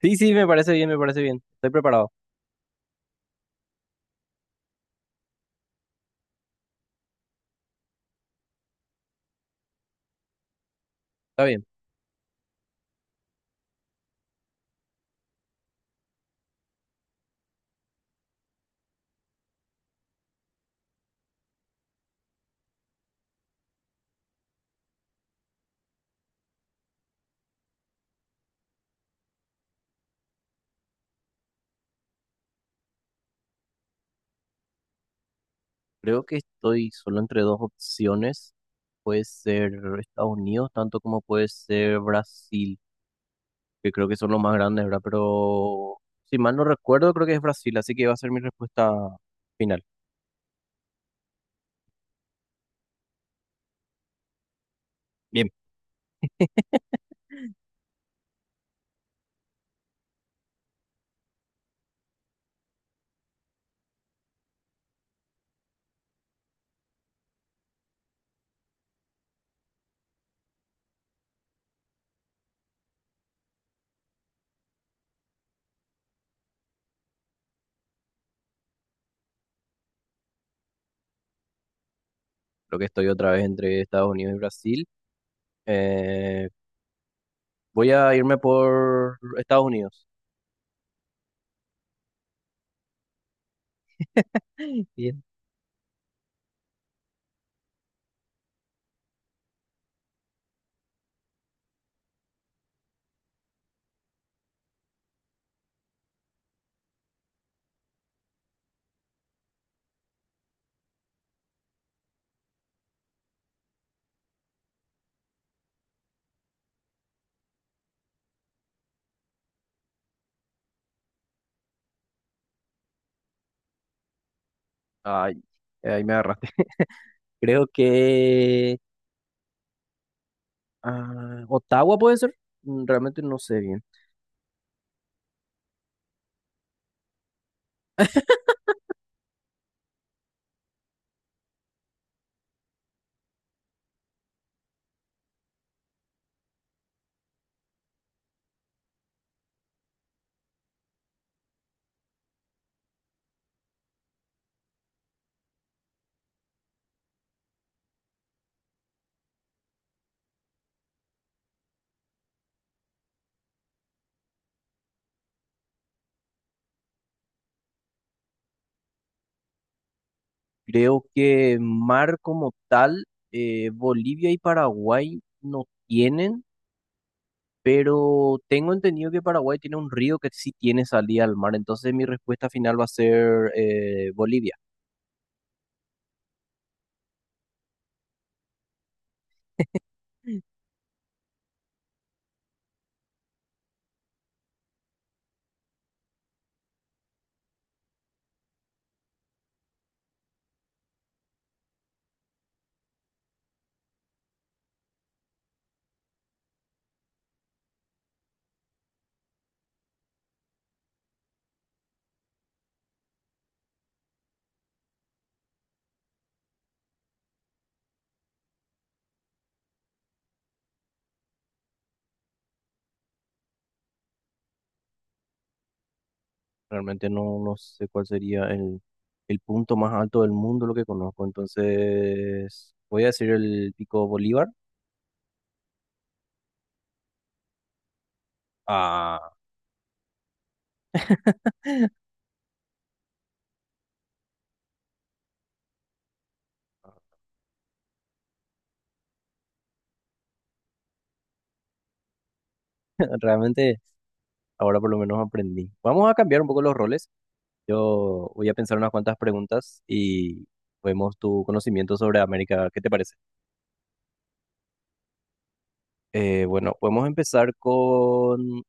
Sí, sí, me parece bien, me parece bien. Estoy preparado. Está bien. Creo que estoy solo entre dos opciones. Puede ser Estados Unidos, tanto como puede ser Brasil, que creo que son los más grandes, ¿verdad? Pero si mal no recuerdo, creo que es Brasil, así que va a ser mi respuesta final. Bien, creo que estoy otra vez entre Estados Unidos y Brasil. Eh, Voy a irme por Estados Unidos. Bien. Ay, ahí me agarraste. Creo que Ottawa puede ser. Mm. Realmente no sé bien. Creo que mar como tal, Bolivia y Paraguay no tienen, pero tengo entendido que Paraguay tiene un río que sí tiene salida al mar, entonces mi respuesta final va a ser Bolivia. Realmente no, no sé cuál sería el punto más alto del mundo, lo que conozco, entonces voy a decir el Pico Bolívar. Ah, realmente ahora por lo menos aprendí. Vamos a cambiar un poco los roles. Yo voy a pensar unas cuantas preguntas y vemos tu conocimiento sobre América. ¿Qué te parece? Bueno, podemos empezar con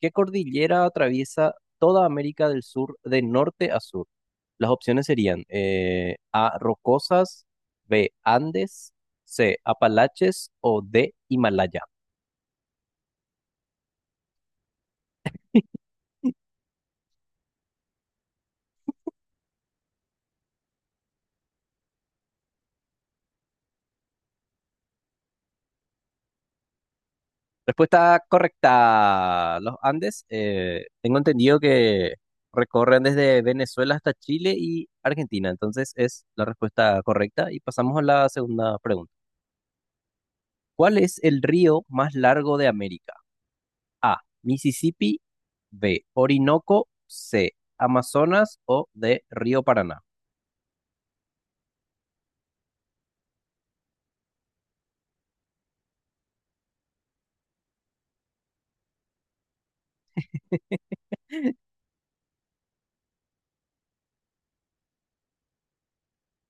¿qué cordillera atraviesa toda América del Sur de norte a sur? Las opciones serían A, Rocosas, B, Andes, C, Apalaches o D, Himalaya. Respuesta correcta. Los Andes, tengo entendido que recorren desde Venezuela hasta Chile y Argentina. Entonces es la respuesta correcta. Y pasamos a la segunda pregunta. ¿Cuál es el río más largo de América? A. Mississippi. B. Orinoco. C. Amazonas o D. Río Paraná.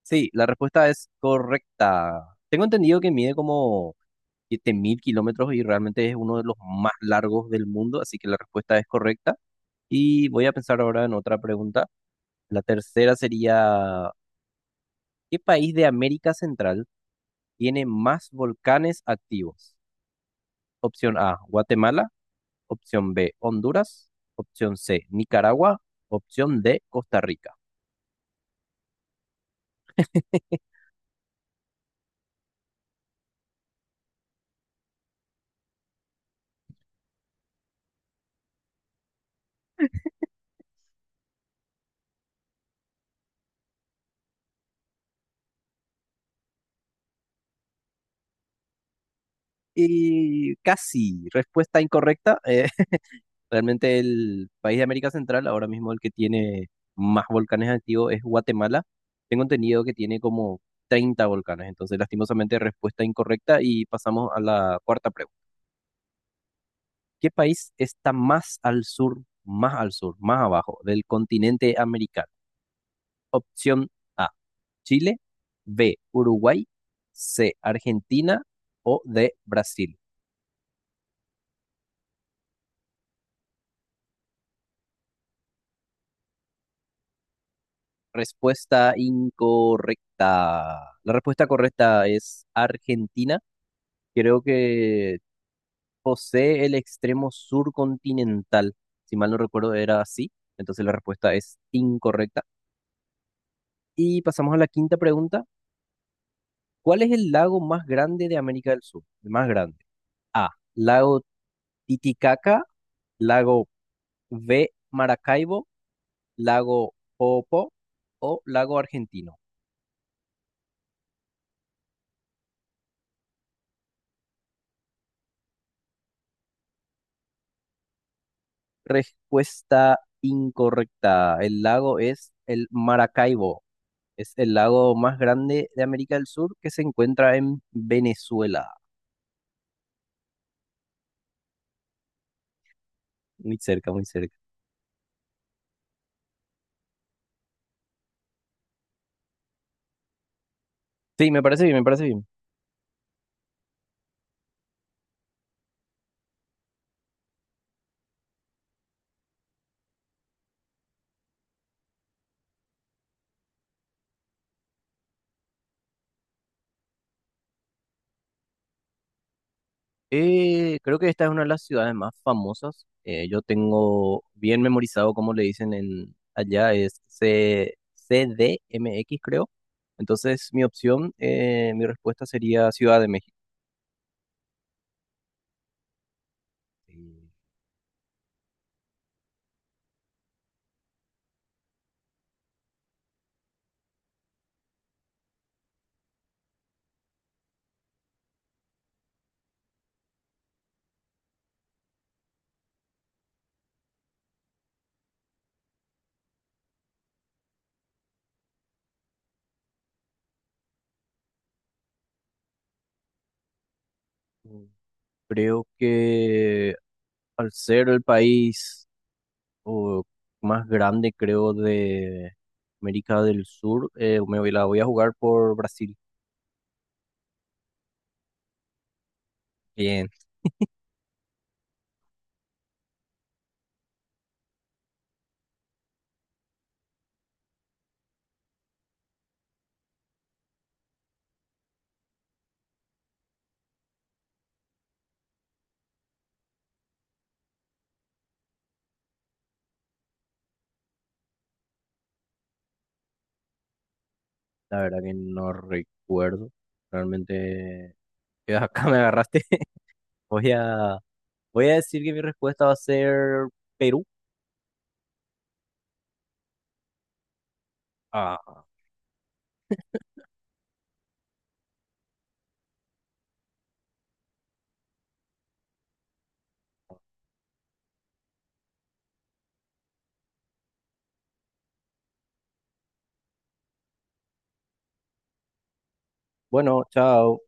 Sí, la respuesta es correcta. Tengo entendido que mide como 7.000 kilómetros y realmente es uno de los más largos del mundo, así que la respuesta es correcta. Y voy a pensar ahora en otra pregunta. La tercera sería, ¿qué país de América Central tiene más volcanes activos? Opción A, Guatemala. Opción B, Honduras. Opción C, Nicaragua. Opción D, Costa Rica. Y casi, respuesta incorrecta. Realmente el país de América Central, ahora mismo el que tiene más volcanes activos es Guatemala. Tengo entendido que tiene como 30 volcanes, entonces lastimosamente respuesta incorrecta y pasamos a la cuarta pregunta. ¿Qué país está más al sur, más al sur, más abajo del continente americano? Opción A, Chile, B, Uruguay, C, Argentina o D, Brasil. Respuesta incorrecta. La respuesta correcta es Argentina. Creo que posee el extremo sur continental. Si mal no recuerdo, era así. Entonces la respuesta es incorrecta. Y pasamos a la quinta pregunta. ¿Cuál es el lago más grande de América del Sur? El más grande. A. Lago Titicaca. Lago B. Maracaibo. Lago Popo. O lago Argentino. Respuesta incorrecta. El lago es el Maracaibo. Es el lago más grande de América del Sur que se encuentra en Venezuela. Muy cerca, muy cerca. Sí, me parece bien, me parece bien. Creo que esta es una de las ciudades más famosas. Yo tengo bien memorizado cómo le dicen en allá, es CDMX creo. Entonces, mi opción, mi respuesta sería Ciudad de México. Eh, Creo que al ser el país, o más grande, creo, de América del Sur. La voy a jugar por Brasil. Bien, la verdad que no recuerdo. Realmente, acá me agarraste. Voy a, voy a decir que mi respuesta va a ser Perú. Ah, bueno, chao.